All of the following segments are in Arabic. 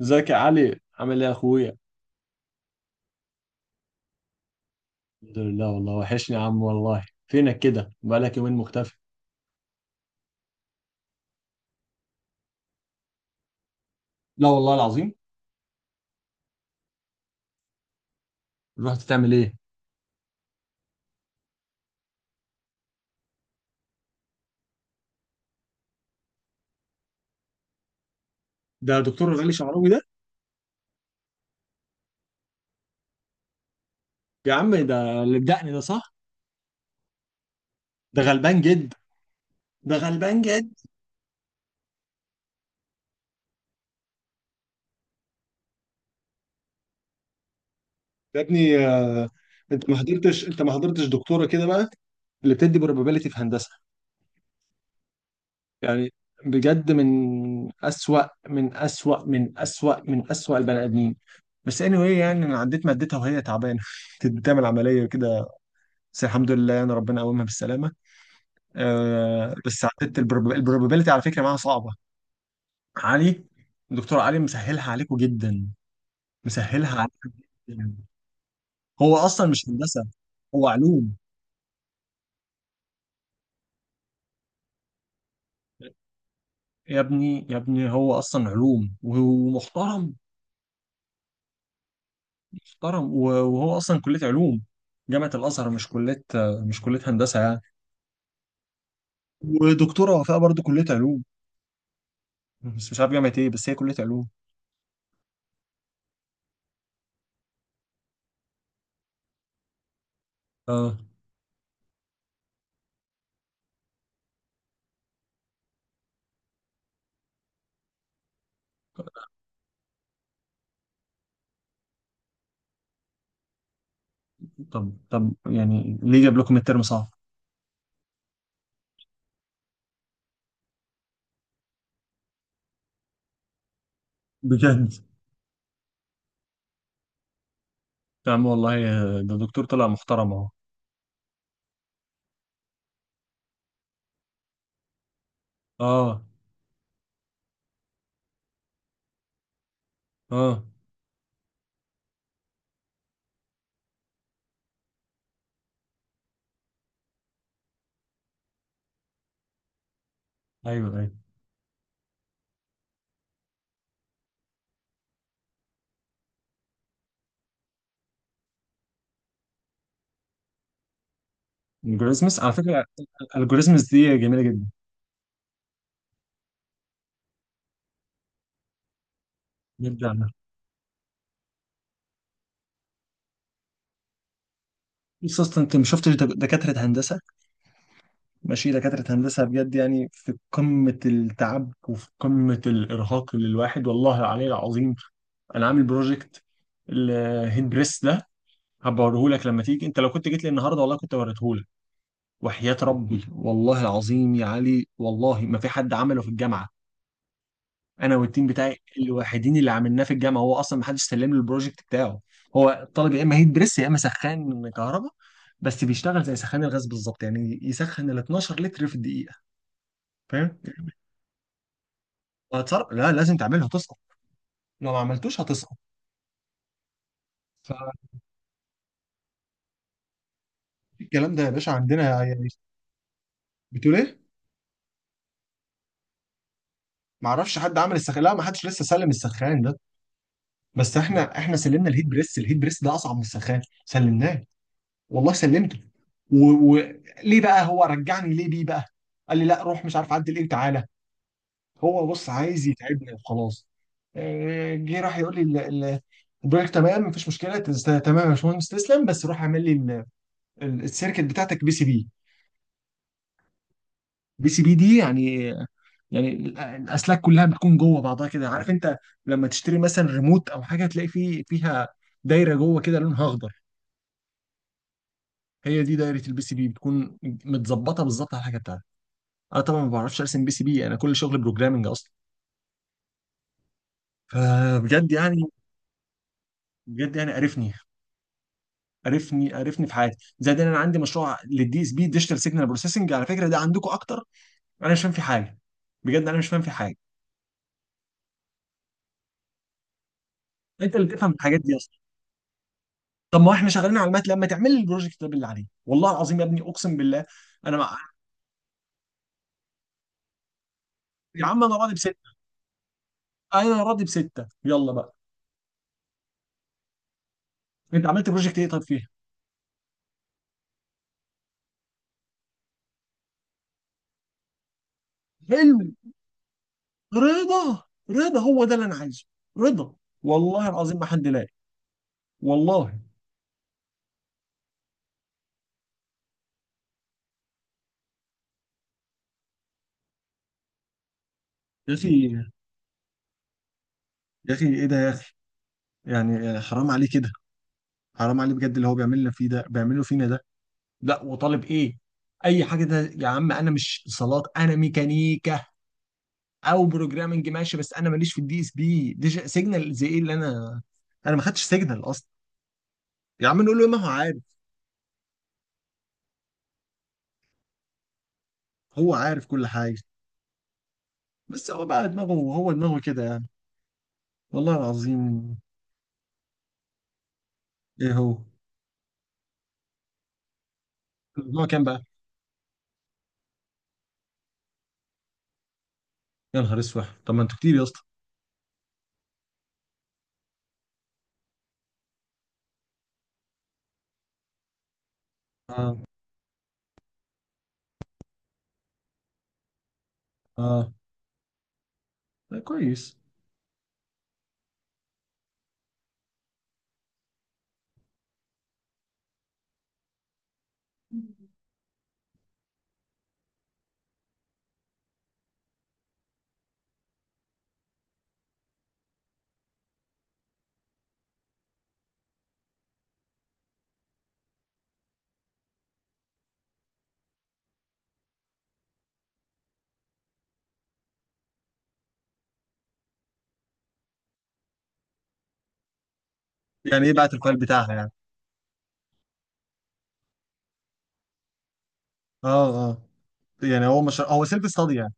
ازيك يا علي، عامل ايه يا اخويا؟ الحمد لله، والله وحشني يا عم، والله فينك كده، بقالك يومين مختفي. لا والله العظيم. رحت تعمل ايه؟ ده دكتور غالي شعراوي ده؟ يا عم ده اللي بدقني ده صح. ده غلبان جد، ده غلبان جد. يا ابني، انت ما حضرتش دكتوره كده بقى، اللي بتدي probability في هندسه، يعني بجد من أسوأ من أسوأ من أسوأ من أسوأ البني آدمين. بس anyway يعني أنا عديت مادتها وهي تعبانة كانت بتعمل عملية كده، بس الحمد لله يعني ربنا قومها بالسلامه. آه بس عدت البروبابيلتي على فكره، معاها صعبه. علي، الدكتور علي مسهلها عليكم جدا. مسهلها عليكم جدا. هو اصلا مش هندسه، هو علوم. يا ابني يا ابني هو اصلا علوم ومحترم. محترم، وهو اصلا كليه علوم، جامعه الازهر، مش كليه، مش كليه هندسه يعني. ودكتوره وفاء برضه كليه علوم، بس مش عارف جامعه ايه، بس هي كليه علوم. اه. طب طب يعني ليه جاب لكم الترم صعب؟ بجد؟ يا عم والله ده دكتور طلع محترم اهو. اه. اه. ايوه ايوه. الجوريزمس على فكره، الجوريزمس دي جميله جدا. نرجع لها. بص اصلا انت ما شفتش دكاتره هندسه. ماشي، دكاتره هندسه بجد يعني في قمه التعب وفي قمه الارهاق للواحد، والله العلي العظيم. انا عامل بروجكت، الهيد بريس ده هبوريه لك لما تيجي. انت لو كنت جيت لي النهارده والله كنت وريته لك. وحياه ربي والله العظيم يا علي، والله ما في حد عمله في الجامعه. انا والتيم بتاعي الوحيدين اللي عملناه في الجامعه، هو اصلا ما حدش سلم له البروجكت بتاعه. هو الطالب يا اما هيت بريس يا اما سخان كهرباء، بس بيشتغل زي سخان الغاز بالظبط يعني يسخن ال 12 لتر في الدقيقه. فاهم؟ وهتصرف، لا لازم تعملها، هتسقط. لو ما عملتوش هتسقط. فالكلام ده يا باشا عندنا يعني. بتقول ايه؟ ما اعرفش حد عمل السخان، لا ما حدش لسه سلم السخان ده. بس احنا سلمنا الهيت بريس. الهيت بريس ده اصعب من السخان، سلمناه. والله سلمته. وليه بقى هو رجعني ليه بيه بقى؟ قال لي لا روح مش عارف عدل ايه وتعالى. هو بص عايز يتعبني وخلاص. جه راح يقول لي ال- البروجكت تمام مفيش مشكله، تمام يا باشمهندس تسلم، بس روح اعمل لي السيركت بتاعتك بي سي بي. بي سي بي دي يعني، يعني الاسلاك كلها بتكون جوه بعضها كده، عارف انت لما تشتري مثلا ريموت او حاجه تلاقي فيه فيها دايره جوه كده لونها اخضر. هي دي دايره البي سي بي، بتكون متظبطه بالظبط على الحاجه بتاعتك. انا طبعا ما بعرفش ارسم بي سي بي، انا كل شغل بروجرامنج اصلا. فبجد يعني، بجد يعني قرفني، قرفني قرفني في حياتي، زائد ان انا عندي مشروع للدي اس بي، ديجيتال سيجنال بروسيسنج، على فكره ده عندكم اكتر. انا مش فاهم في حاجه، بجد انا مش فاهم في حاجه. انت اللي تفهم في الحاجات دي اصلا. طب ما احنا شغالين على المات، لما تعمل لي البروجكت ده باللي عليه والله العظيم يا ابني اقسم بالله. انا مع... يا عم انا راضي بسته، انا راضي بسته، يلا بقى. انت عملت بروجكت ايه طب فيها؟ حلو. رضا. رضا هو ده اللي انا عايزه. رضا. والله العظيم ما حد لاقي، والله. يا اخي، يا اخي ايه ده يا اخي؟ يعني حرام عليه كده. حرام عليه بجد اللي هو بيعمل لنا فيه ده، بيعمله فينا ده. لا وطالب ايه؟ اي حاجه ده! يا عم انا مش اتصالات انا ميكانيكا، او بروجرامنج ماشي، بس انا ماليش في الدي اس بي دي سيجنال، زي ايه اللي انا، انا ما خدتش سيجنال اصلا. يا عم نقول له، ما هو عارف. هو عارف كل حاجه، بس هو بقى دماغه، هو دماغه كده يعني. والله العظيم. ايه هو الموضوع كان بقى؟ يا نهار اسود، طب ما انتوا كتير يا اسطى. اه. اه. ده كويس. يعني ايه بعت الفايل بتاعها يعني؟ اه اه. يعني هو مش هو سيلف ستادي يعني.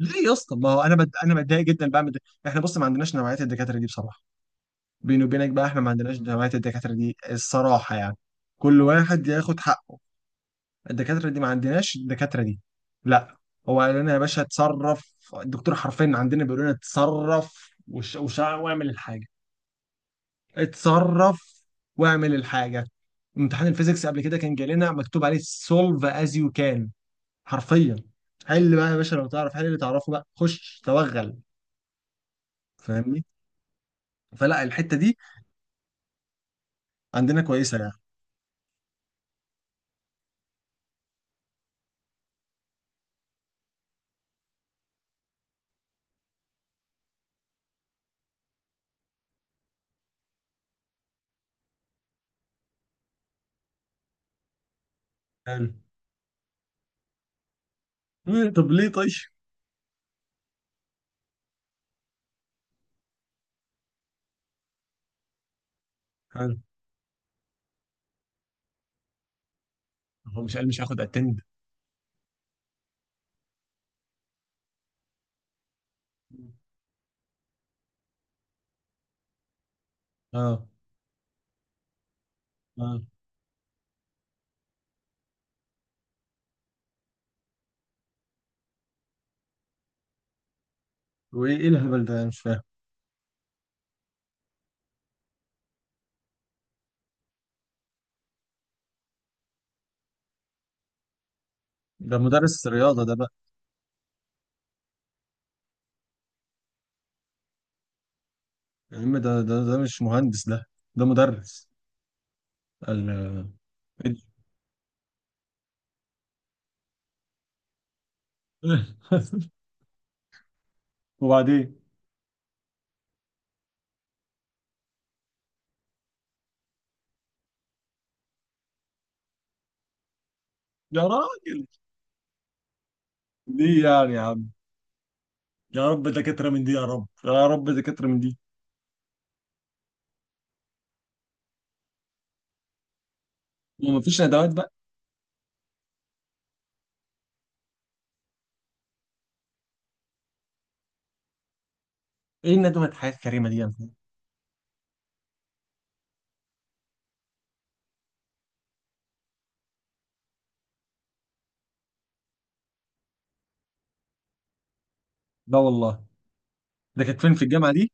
ليه يا اسطى؟ ما هو انا انا بتضايق جدا بعمل ده. احنا بص ما عندناش نوعيه الدكاتره دي بصراحه، بيني وبينك بقى احنا ما عندناش نوعيه الدكاتره دي الصراحه يعني. كل واحد ياخد حقه. الدكاتره دي ما عندناش الدكاتره دي. لا، هو قال لنا يا باشا اتصرف. الدكتور حرفيا عندنا بيقول لنا اتصرف، وشع واعمل الحاجه. اتصرف واعمل الحاجه. امتحان الفيزيكس قبل كده كان جالنا مكتوب عليه سولف از يو كان، حرفيا. حل بقى يا باشا، لو تعرف حل اللي تعرفه بقى خش توغل، فاهمني؟ فلا الحته دي عندنا كويسه يعني. حلو. طب ليه طيب؟ حلو. هو مش قال مش هاخد اتند؟ اه. اه. وايه ايه الهبل ده؟ أنا مش فاهم. ده مدرس رياضه ده بقى؟ يا عم ده مش مهندس ده، ده مدرس ال وبعدين؟ يا راجل، ليه يعني يا عم؟ يا رب دكاتره من دي، يا رب يا رب دكاتره من دي. ومفيش ندوات بقى؟ ايه الندوه الحياه الكريمه دي يعني؟ لا والله. ده كانت فين، في الجامعة دي؟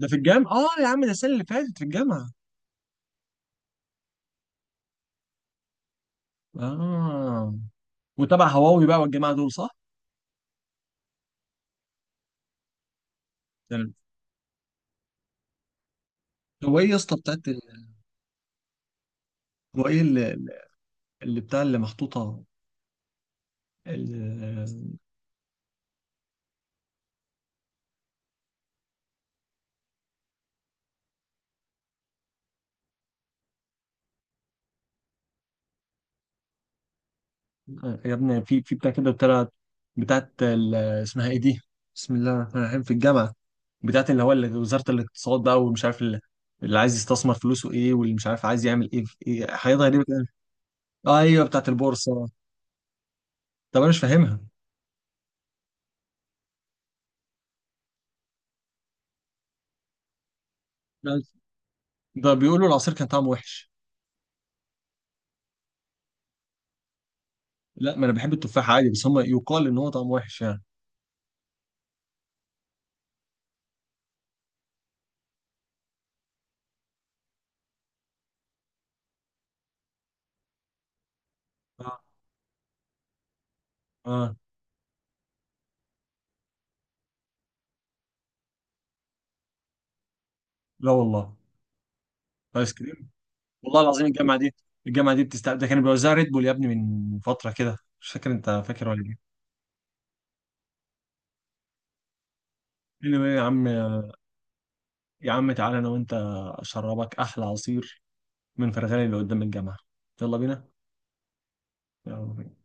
ده في الجامعة؟ اه يا عم، ده السنة اللي فاتت في الجامعة. اه. وتبع هواوي بقى والجماعة دول، صح؟ يعني، هو ايه يا اسطى بتاعت ال...؟ هو ايه اللي، اللي بتاع اللي محطوطة، ال... يا ابني في بتاع كده، بتاعت، بتاعت ال... اسمها ايه دي؟ بسم الله الرحمن الرحيم. في الجامعة بتاعت اللي هو اللي وزارة الاقتصاد بقى والمش عارف، اللي اللي عايز يستثمر فلوسه ايه، واللي مش عارف عايز يعمل ايه في ايه، حاجات غريبة كده. ايوه، بتاعت البورصة. طب انا مش فاهمها. ده بيقولوا العصير كان طعمه وحش. لا ما انا بحب التفاح عادي، بس هم يقال ان هو طعمه وحش يعني. اه. اه. لا والله. ايس كريم؟ والله العظيم الجامعه دي، الجامعه دي بتستقبل. ده كانوا بيوزعوا ريد بول يا ابني من فتره كده، مش فاكر انت فاكر ولا ايه؟ قال لي يا عم. يا عم تعالى انا وانت اشربك احلى عصير من فرغاني اللي قدام الجامعه. يلا بينا. يلا بينا.